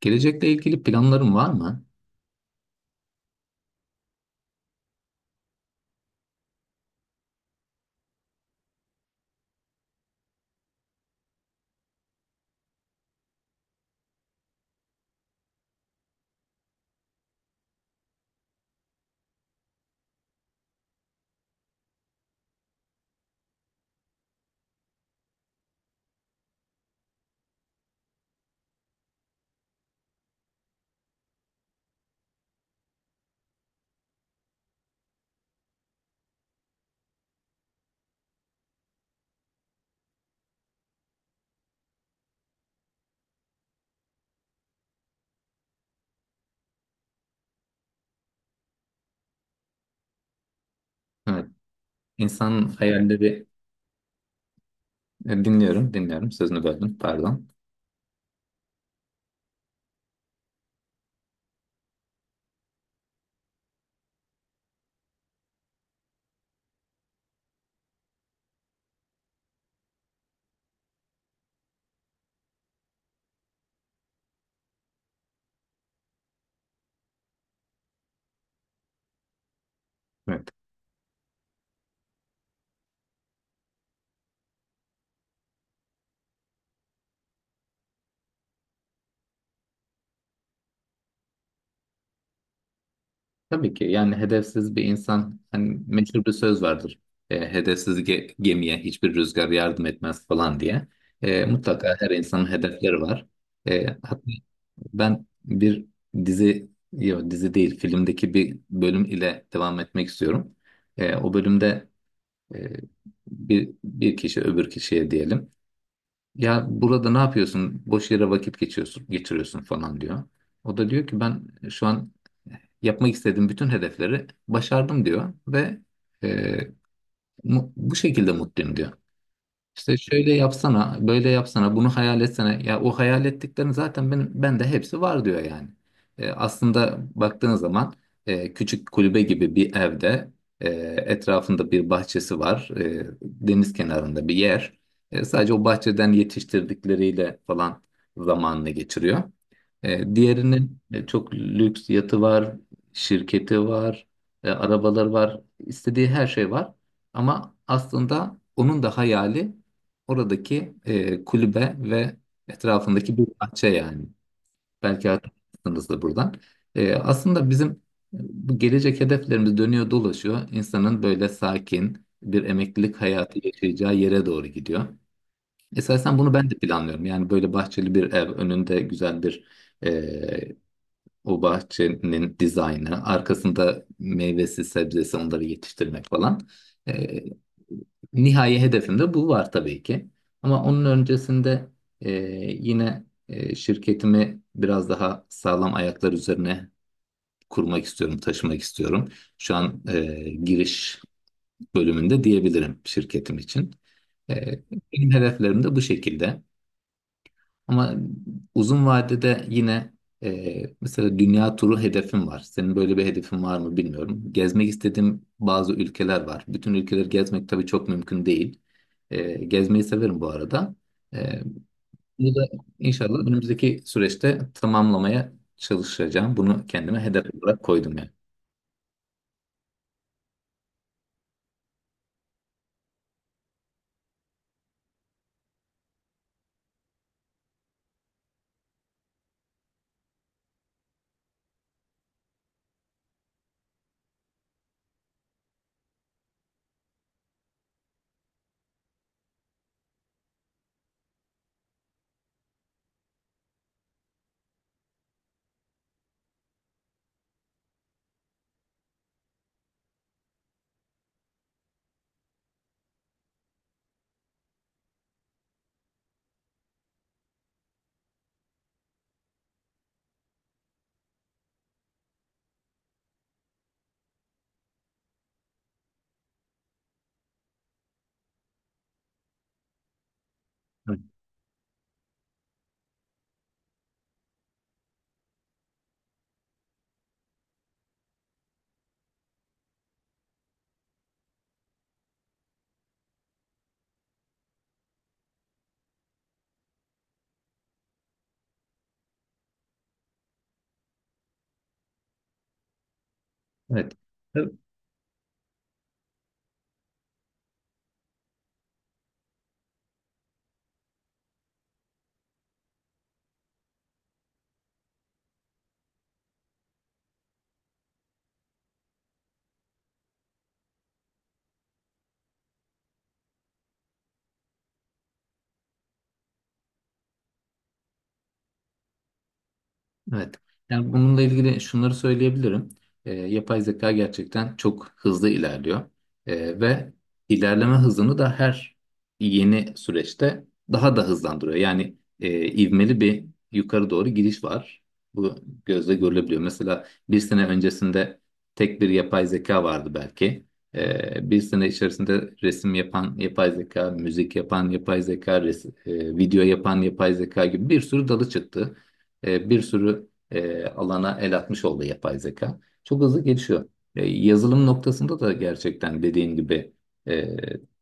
Gelecekle ilgili planların var mı? Evet. İnsanın hayalleri... Dinliyorum, dinliyorum. Sözünü böldüm, pardon. Evet. Tabii ki yani hedefsiz bir insan, hani meşhur bir söz vardır. Hedefsiz gemiye hiçbir rüzgar yardım etmez falan diye. Mutlaka her insanın hedefleri var. Hatta ben bir dizi, yok dizi değil, filmdeki bir bölüm ile devam etmek istiyorum. O bölümde e, bir kişi öbür kişiye diyelim. Ya burada ne yapıyorsun? Boş yere vakit geçiyorsun, geçiriyorsun falan diyor. O da diyor ki, ben şu an yapmak istediğim bütün hedefleri başardım diyor ve e, bu şekilde mutluyum diyor. İşte şöyle yapsana, böyle yapsana, bunu hayal etsene. Ya o hayal ettiklerin zaten benim, bende hepsi var diyor yani. Aslında baktığın zaman küçük kulübe gibi bir evde e, etrafında bir bahçesi var. Deniz kenarında bir yer. Sadece o bahçeden yetiştirdikleriyle falan zamanını geçiriyor. Diğerinin çok lüks yatı var, şirketi var, arabaları var, istediği her şey var. Ama aslında onun da hayali oradaki kulübe ve etrafındaki bir bahçe yani. Belki hatırlarsınız da buradan. Aslında bizim bu gelecek hedeflerimiz dönüyor dolaşıyor. İnsanın böyle sakin bir emeklilik hayatı yaşayacağı yere doğru gidiyor. Esasen bunu ben de planlıyorum. Yani böyle bahçeli bir ev, önünde güzel bir o bahçenin dizaynı, arkasında meyvesi, sebzesi, onları yetiştirmek falan. E, nihai hedefimde bu var tabii ki. Ama onun öncesinde e, yine şirketimi biraz daha sağlam ayaklar üzerine kurmak istiyorum, taşımak istiyorum. Şu an giriş bölümünde diyebilirim şirketim için. E, benim hedeflerim de bu şekilde. Ama uzun vadede yine mesela dünya turu hedefim var. Senin böyle bir hedefin var mı bilmiyorum. Gezmek istediğim bazı ülkeler var. Bütün ülkeleri gezmek tabii çok mümkün değil. Gezmeyi severim bu arada. E, bunu da inşallah önümüzdeki süreçte tamamlamaya çalışacağım. Bunu kendime hedef olarak koydum yani. Evet. Evet. Evet. Yani bununla ilgili şunları söyleyebilirim. Yapay zeka gerçekten çok hızlı ilerliyor. Ve ilerleme hızını da her yeni süreçte daha da hızlandırıyor. Yani ivmeli bir yukarı doğru gidiş var. Bu gözle görülebiliyor. Mesela bir sene öncesinde tek bir yapay zeka vardı belki. Bir sene içerisinde resim yapan yapay zeka, müzik yapan yapay zeka, video yapan yapay zeka gibi bir sürü dalı çıktı, bir sürü alana el atmış oldu yapay zeka. Çok hızlı gelişiyor. Yazılım noktasında da gerçekten dediğin gibi e,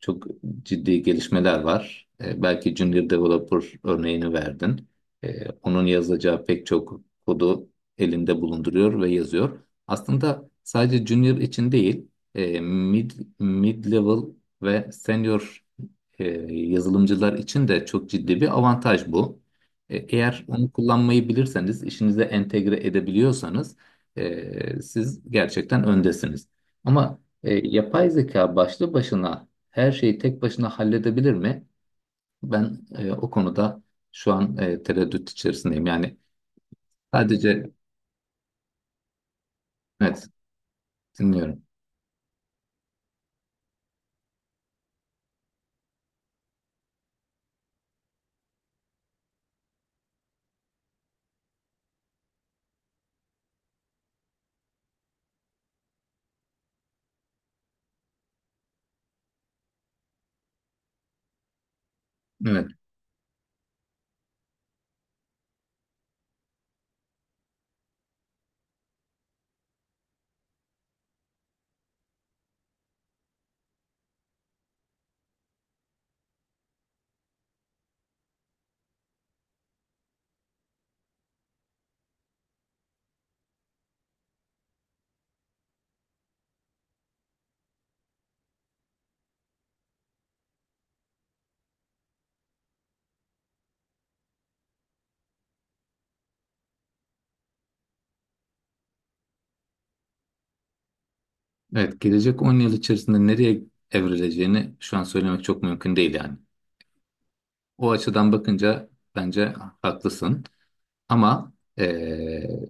çok ciddi gelişmeler var. Belki Junior Developer örneğini verdin. Onun yazacağı pek çok kodu elinde bulunduruyor ve yazıyor. Aslında sadece Junior için değil, e, mid, mid level ve senior e, yazılımcılar için de çok ciddi bir avantaj bu. Eğer onu kullanmayı bilirseniz, işinize entegre edebiliyorsanız siz gerçekten öndesiniz. Ama yapay zeka başlı başına her şeyi tek başına halledebilir mi? Ben o konuda şu an tereddüt içerisindeyim. Yani sadece... Evet, dinliyorum. Evet, evet, gelecek 10 yıl içerisinde nereye evrileceğini şu an söylemek çok mümkün değil yani. O açıdan bakınca bence haklısın. Ama eee,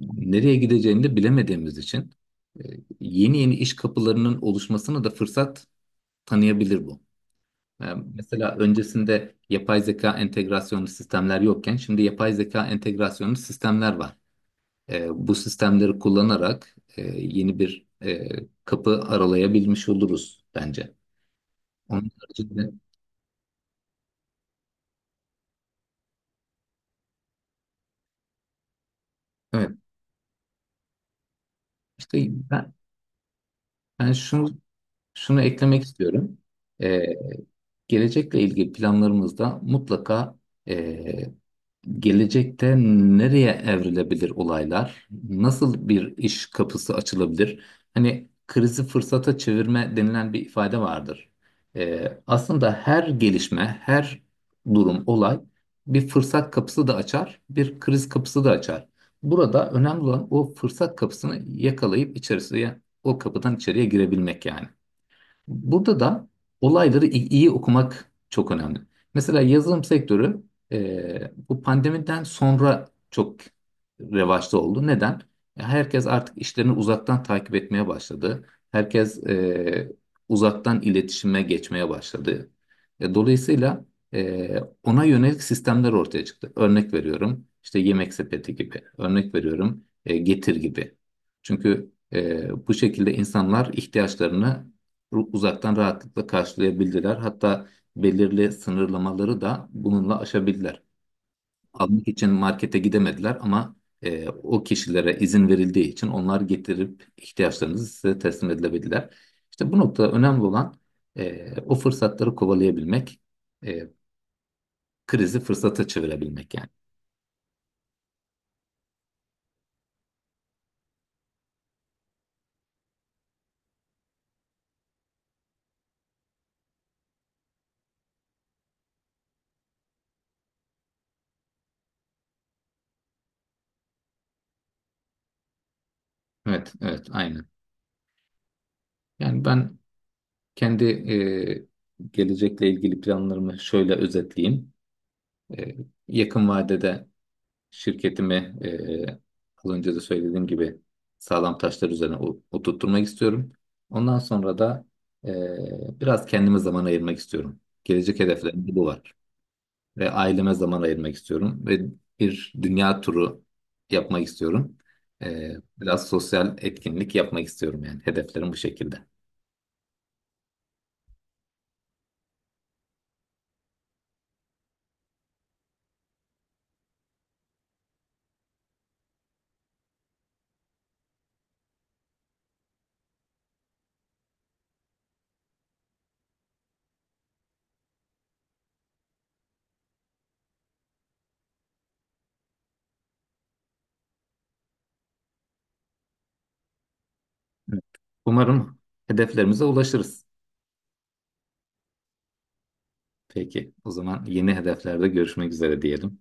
nereye gideceğini de bilemediğimiz için yeni yeni iş kapılarının oluşmasına da fırsat tanıyabilir bu. Yani mesela öncesinde yapay zeka entegrasyonlu sistemler yokken şimdi yapay zeka entegrasyonlu sistemler var. Bu sistemleri kullanarak yeni bir kapı aralayabilmiş oluruz bence. Onun haricinde evet, işte, ben, ben şunu Şunu eklemek istiyorum. Ee, gelecekle ilgili planlarımızda mutlaka e, gelecekte nereye evrilebilir olaylar, nasıl bir iş kapısı açılabilir? Hani krizi fırsata çevirme denilen bir ifade vardır. Aslında her gelişme, her durum, olay bir fırsat kapısı da açar, bir kriz kapısı da açar. Burada önemli olan o fırsat kapısını yakalayıp içerisine, o kapıdan içeriye girebilmek yani. Burada da olayları iyi okumak çok önemli. Mesela yazılım sektörü bu pandemiden sonra çok revaçta oldu. Neden? Herkes artık işlerini uzaktan takip etmeye başladı. Herkes uzaktan iletişime geçmeye başladı. Dolayısıyla e, ona yönelik sistemler ortaya çıktı. Örnek veriyorum, işte yemek sepeti gibi. Örnek veriyorum, getir gibi. Çünkü bu şekilde insanlar ihtiyaçlarını uzaktan rahatlıkla karşılayabildiler. Hatta belirli sınırlamaları da bununla aşabildiler. Almak için markete gidemediler ama o kişilere izin verildiği için onlar getirip ihtiyaçlarınızı size teslim edilebildiler. İşte bu noktada önemli olan o fırsatları kovalayabilmek, e, krizi fırsata çevirebilmek yani. Evet, evet, aynen. Yani ben kendi gelecekle ilgili planlarımı şöyle özetleyeyim. E, yakın vadede şirketimi, az önce de söylediğim gibi, sağlam taşlar üzerine oturtturmak istiyorum. Ondan sonra da biraz kendime zaman ayırmak istiyorum. Gelecek hedeflerim de bu var. Ve aileme zaman ayırmak istiyorum. Ve bir dünya turu yapmak istiyorum. Biraz sosyal etkinlik yapmak istiyorum yani. Hedeflerim bu şekilde. Evet. Umarım hedeflerimize ulaşırız. Peki, o zaman yeni hedeflerde görüşmek üzere diyelim.